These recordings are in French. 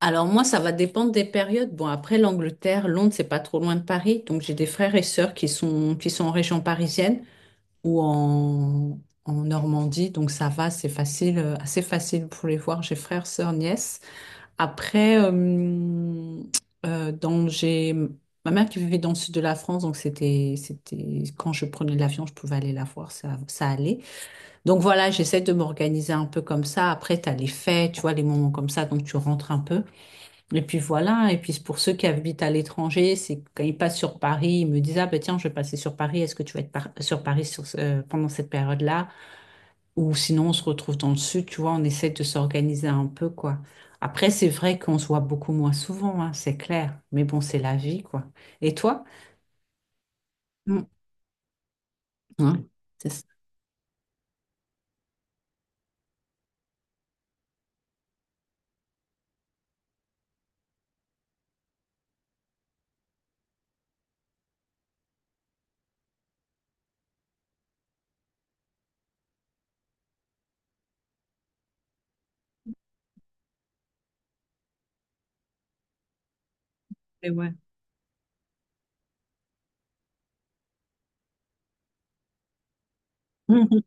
Alors moi, ça va dépendre des périodes. Bon, après l'Angleterre, Londres, c'est pas trop loin de Paris. Donc j'ai des frères et sœurs qui sont en région parisienne ou en Normandie. Donc ça va, c'est facile, assez facile pour les voir. J'ai frères, sœurs, nièces. Après, euh, j'ai ma mère qui vivait dans le sud de la France. Donc c'était quand je prenais l'avion, je pouvais aller la voir. Ça allait. Donc voilà, j'essaie de m'organiser un peu comme ça. Après, tu as les fêtes, tu vois, les moments comme ça. Donc tu rentres un peu. Et puis voilà, et puis pour ceux qui habitent à l'étranger, c'est quand ils passent sur Paris, ils me disent, ah ben tiens, je vais passer sur Paris, est-ce que tu vas être par- sur Paris sur ce- pendant cette période-là? Ou sinon, on se retrouve dans le sud, tu vois, on essaie de s'organiser un peu, quoi. Après, c'est vrai qu'on se voit beaucoup moins souvent, hein, c'est clair, mais bon, c'est la vie, quoi. Et toi? Mm. Hein, c'est ça. Mais ouais. Mhm.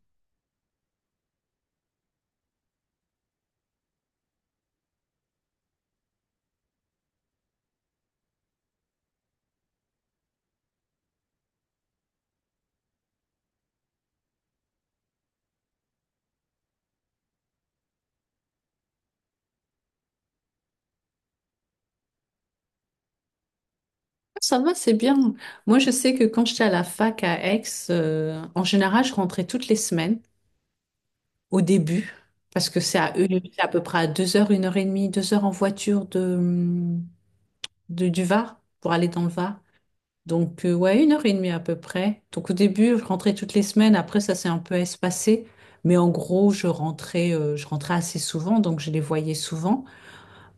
Ça va, c'est bien. Moi, je sais que quand j'étais à la fac à Aix, en général, je rentrais toutes les semaines au début, parce que c'est c'est à peu près à 2 heures, une heure et demie, 2 heures en voiture du Var pour aller dans le Var. Donc, ouais, une heure et demie à peu près. Donc, au début, je rentrais toutes les semaines. Après, ça s'est un peu espacé. Mais en gros, je rentrais assez souvent, donc je les voyais souvent.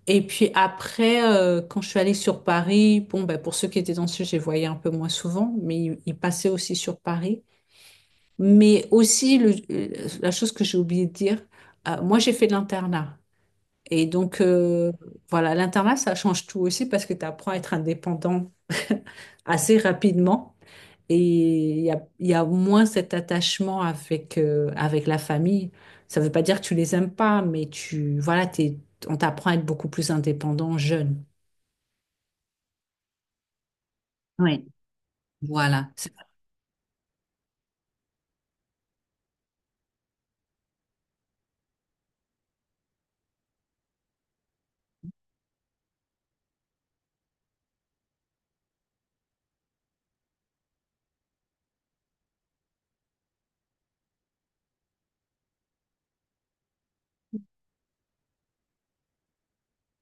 Et puis après, quand je suis allée sur Paris, bon, ben, pour ceux qui étaient dans le sud, je les voyais un peu moins souvent, mais ils passaient aussi sur Paris. Mais aussi, la chose que j'ai oublié de dire, moi j'ai fait de l'internat. Et donc, voilà, l'internat, ça change tout aussi parce que tu apprends à être indépendant assez rapidement. Et il y a moins cet attachement avec, avec la famille. Ça ne veut pas dire que tu les aimes pas, mais tu, voilà, on t'apprend à être beaucoup plus indépendant jeune. Oui. Voilà.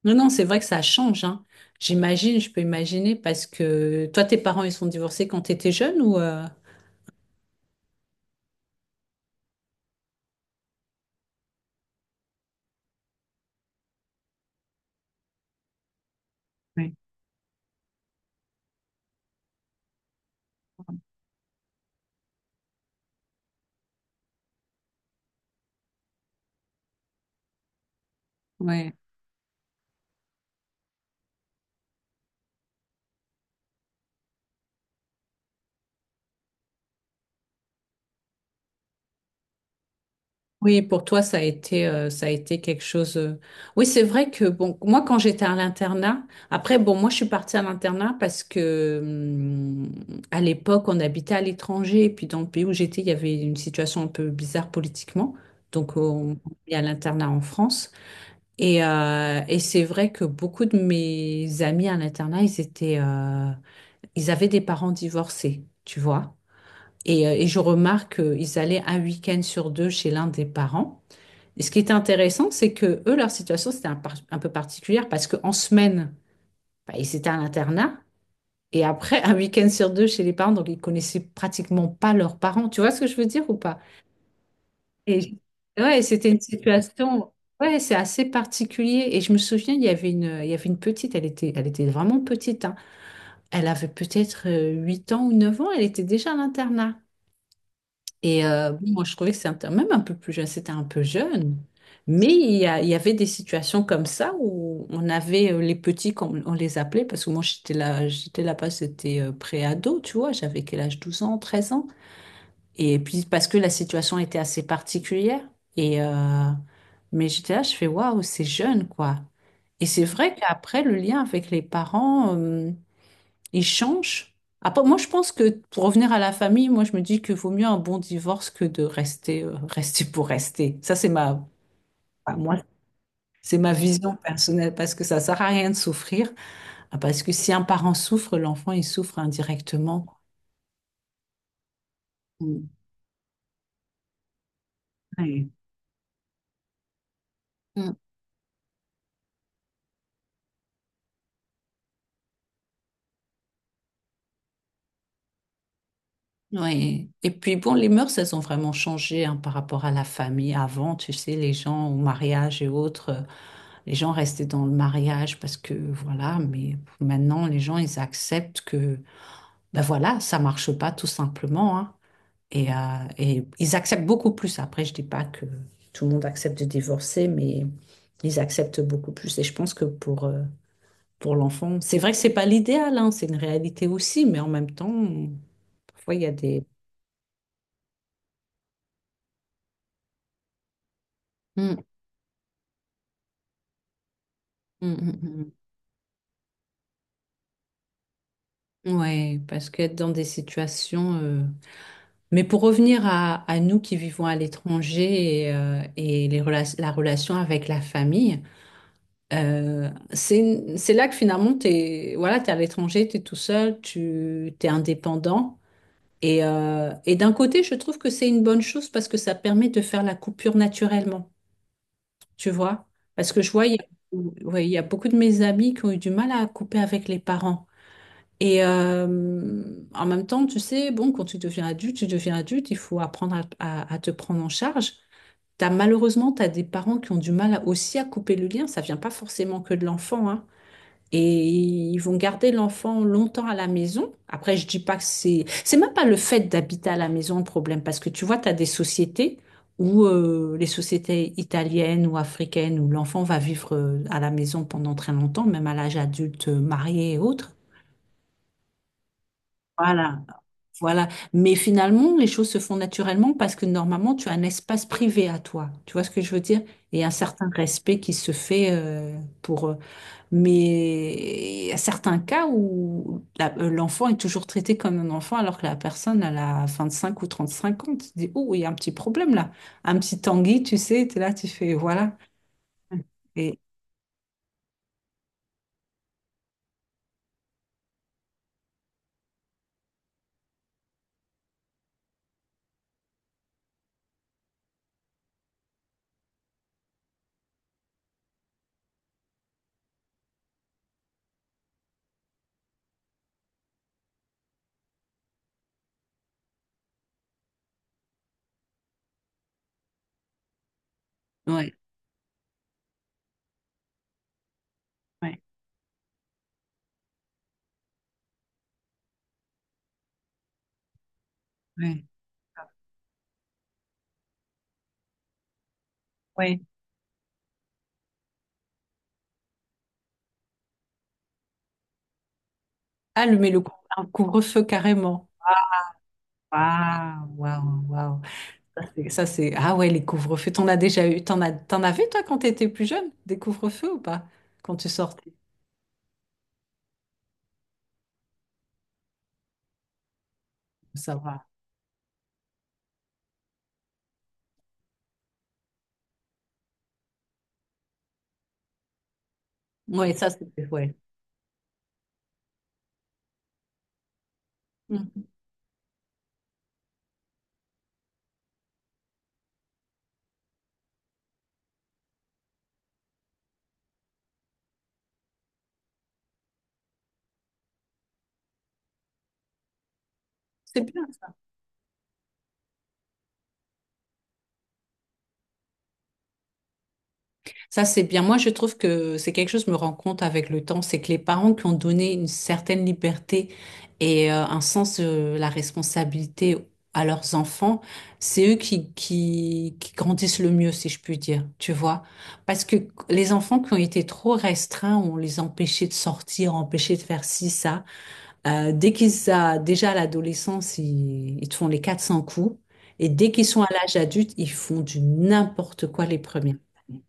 Non, non, c'est vrai que ça change, hein. J'imagine, je peux imaginer, parce que toi, tes parents, ils sont divorcés quand tu étais jeune ou... Ouais. Ouais. Oui, pour toi, ça a été quelque chose. Oui, c'est vrai que bon, moi, quand j'étais à l'internat, après, bon, moi, je suis partie à l'internat parce que, à l'époque, on habitait à l'étranger, et puis dans le pays où j'étais, il y avait une situation un peu bizarre politiquement, donc on est à l'internat en France. Et c'est vrai que beaucoup de mes amis à l'internat, ils avaient des parents divorcés, tu vois. Et je remarque qu'ils allaient un week-end sur deux chez l'un des parents. Et ce qui est intéressant, c'est que eux, leur situation, c'était un peu particulière parce qu'en semaine, bah, ils étaient à l'internat. Et après, un week-end sur deux chez les parents, donc ils connaissaient pratiquement pas leurs parents. Tu vois ce que je veux dire ou pas? Et j- ouais, c'était une situation, ouais, c'est assez particulier. Et je me souviens, il y avait une petite, elle était vraiment petite, hein. Elle avait peut-être 8 ans ou 9 ans, elle était déjà à l'internat. Et bon, moi, je trouvais que c'était même un peu plus jeune, c'était un peu jeune. Mais il y avait des situations comme ça où on avait les petits, comme on les appelait, parce que moi, j'étais là, j'étais là-bas, c'était pré-ado, tu vois, j'avais quel âge, douze ans, 13 ans. Et puis parce que la situation était assez particulière. Et euh, mais j'étais là, je fais waouh, c'est jeune quoi. Et c'est vrai qu'après le lien avec les parents, il change. Après, moi je pense que pour revenir à la famille, moi je me dis que vaut mieux un bon divorce que de rester rester pour rester. Ça c'est ma enfin, moi c'est ma vision personnelle parce que ça sert à rien de souffrir. Ah, parce que si un parent souffre, l'enfant il souffre indirectement. Mm. Ouais. Oui. Et puis bon, les mœurs, elles ont vraiment changé hein, par rapport à la famille. Avant, tu sais, les gens au mariage et autres, les gens restaient dans le mariage parce que voilà, mais maintenant, les gens, ils acceptent que, ben voilà, ça marche pas tout simplement, hein. Et, euh, et ils acceptent beaucoup plus. Après, je dis pas que tout le monde accepte de divorcer, mais ils acceptent beaucoup plus. Et je pense que pour l'enfant, c'est vrai que c'est pas l'idéal, hein, c'est une réalité aussi, mais en même temps, parfois, il y a des... Hmm. Mm, mm, mm. Ouais, parce qu'être dans des situations. Mais pour revenir à nous qui vivons à l'étranger et les la relation avec la famille, c'est là que finalement, t'es, voilà, t'es à l'étranger, t'es tout seul, tu, t'es indépendant. Et d'un côté, je trouve que c'est une bonne chose parce que ça permet de faire la coupure naturellement, tu vois? Parce que je vois, ouais, il y a beaucoup de mes amis qui ont eu du mal à couper avec les parents. Et euh, En même temps, tu sais, bon, quand tu deviens adulte, il faut apprendre à te prendre en charge. T'as, malheureusement, tu as des parents qui ont du mal aussi à couper le lien. Ça vient pas forcément que de l'enfant, hein. Et ils vont garder l'enfant longtemps à la maison. Après, je dis pas que c'est... C'est même pas le fait d'habiter à la maison le problème, parce que tu vois, tu as des sociétés où les sociétés italiennes ou africaines, où l'enfant va vivre à la maison pendant très longtemps, même à l'âge adulte, marié et autres. Voilà. Voilà. Mais finalement, les choses se font naturellement parce que normalement, tu as un espace privé à toi. Tu vois ce que je veux dire? Et un certain respect qui se fait pour... Mais il y a certains cas où l'enfant est toujours traité comme un enfant alors que la personne, elle a cinq ou 35 ans. Tu te dis, oh, il y a un petit problème là. Un petit Tanguy, tu sais, tu es là, tu fais, voilà. Et... Ouais, ouais, ouais, ouais. Ah, mais le un couvre-feu carrément. Waouh, waouh, waouh. Ça, ça, c'est... Ah ouais, les couvre-feux. T'en as déjà eu. T'en as... T'en avais, toi, quand t'étais plus jeune, des couvre-feux ou pas? Quand tu sortais, ça va. Ouais, ça, c'était... Ouais. Mhm. C'est bien. Ça, c'est bien. Moi, je trouve que c'est quelque chose que je me rends compte avec le temps, c'est que les parents qui ont donné une certaine liberté et un sens de la responsabilité à leurs enfants, c'est eux qui grandissent le mieux, si je puis dire, tu vois. Parce que les enfants qui ont été trop restreints, on les empêchait de sortir, empêchait de faire ci, ça. Déjà à l'adolescence, ils te font les 400 coups. Et dès qu'ils sont à l'âge adulte, ils font du n'importe quoi les premières années.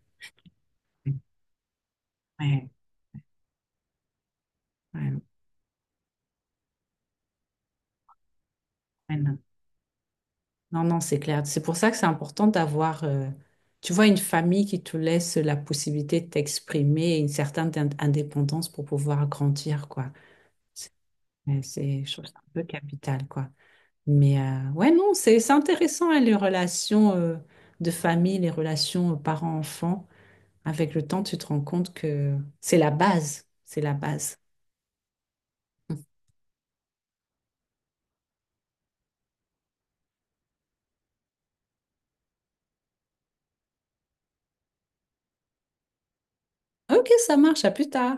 Ouais. Ouais, ouais, non, non, non, c'est clair. C'est pour ça que c'est important d'avoir, tu vois, une famille qui te laisse la possibilité de t'exprimer et une certaine indépendance pour pouvoir grandir, quoi. Ouais, c'est, je trouve ça un peu capital, quoi. Mais ouais, non, c'est intéressant, hein, les relations de famille, les relations parents-enfants. Avec le temps, tu te rends compte que c'est la base. C'est la base. Mmh. Ok, ça marche. À plus tard.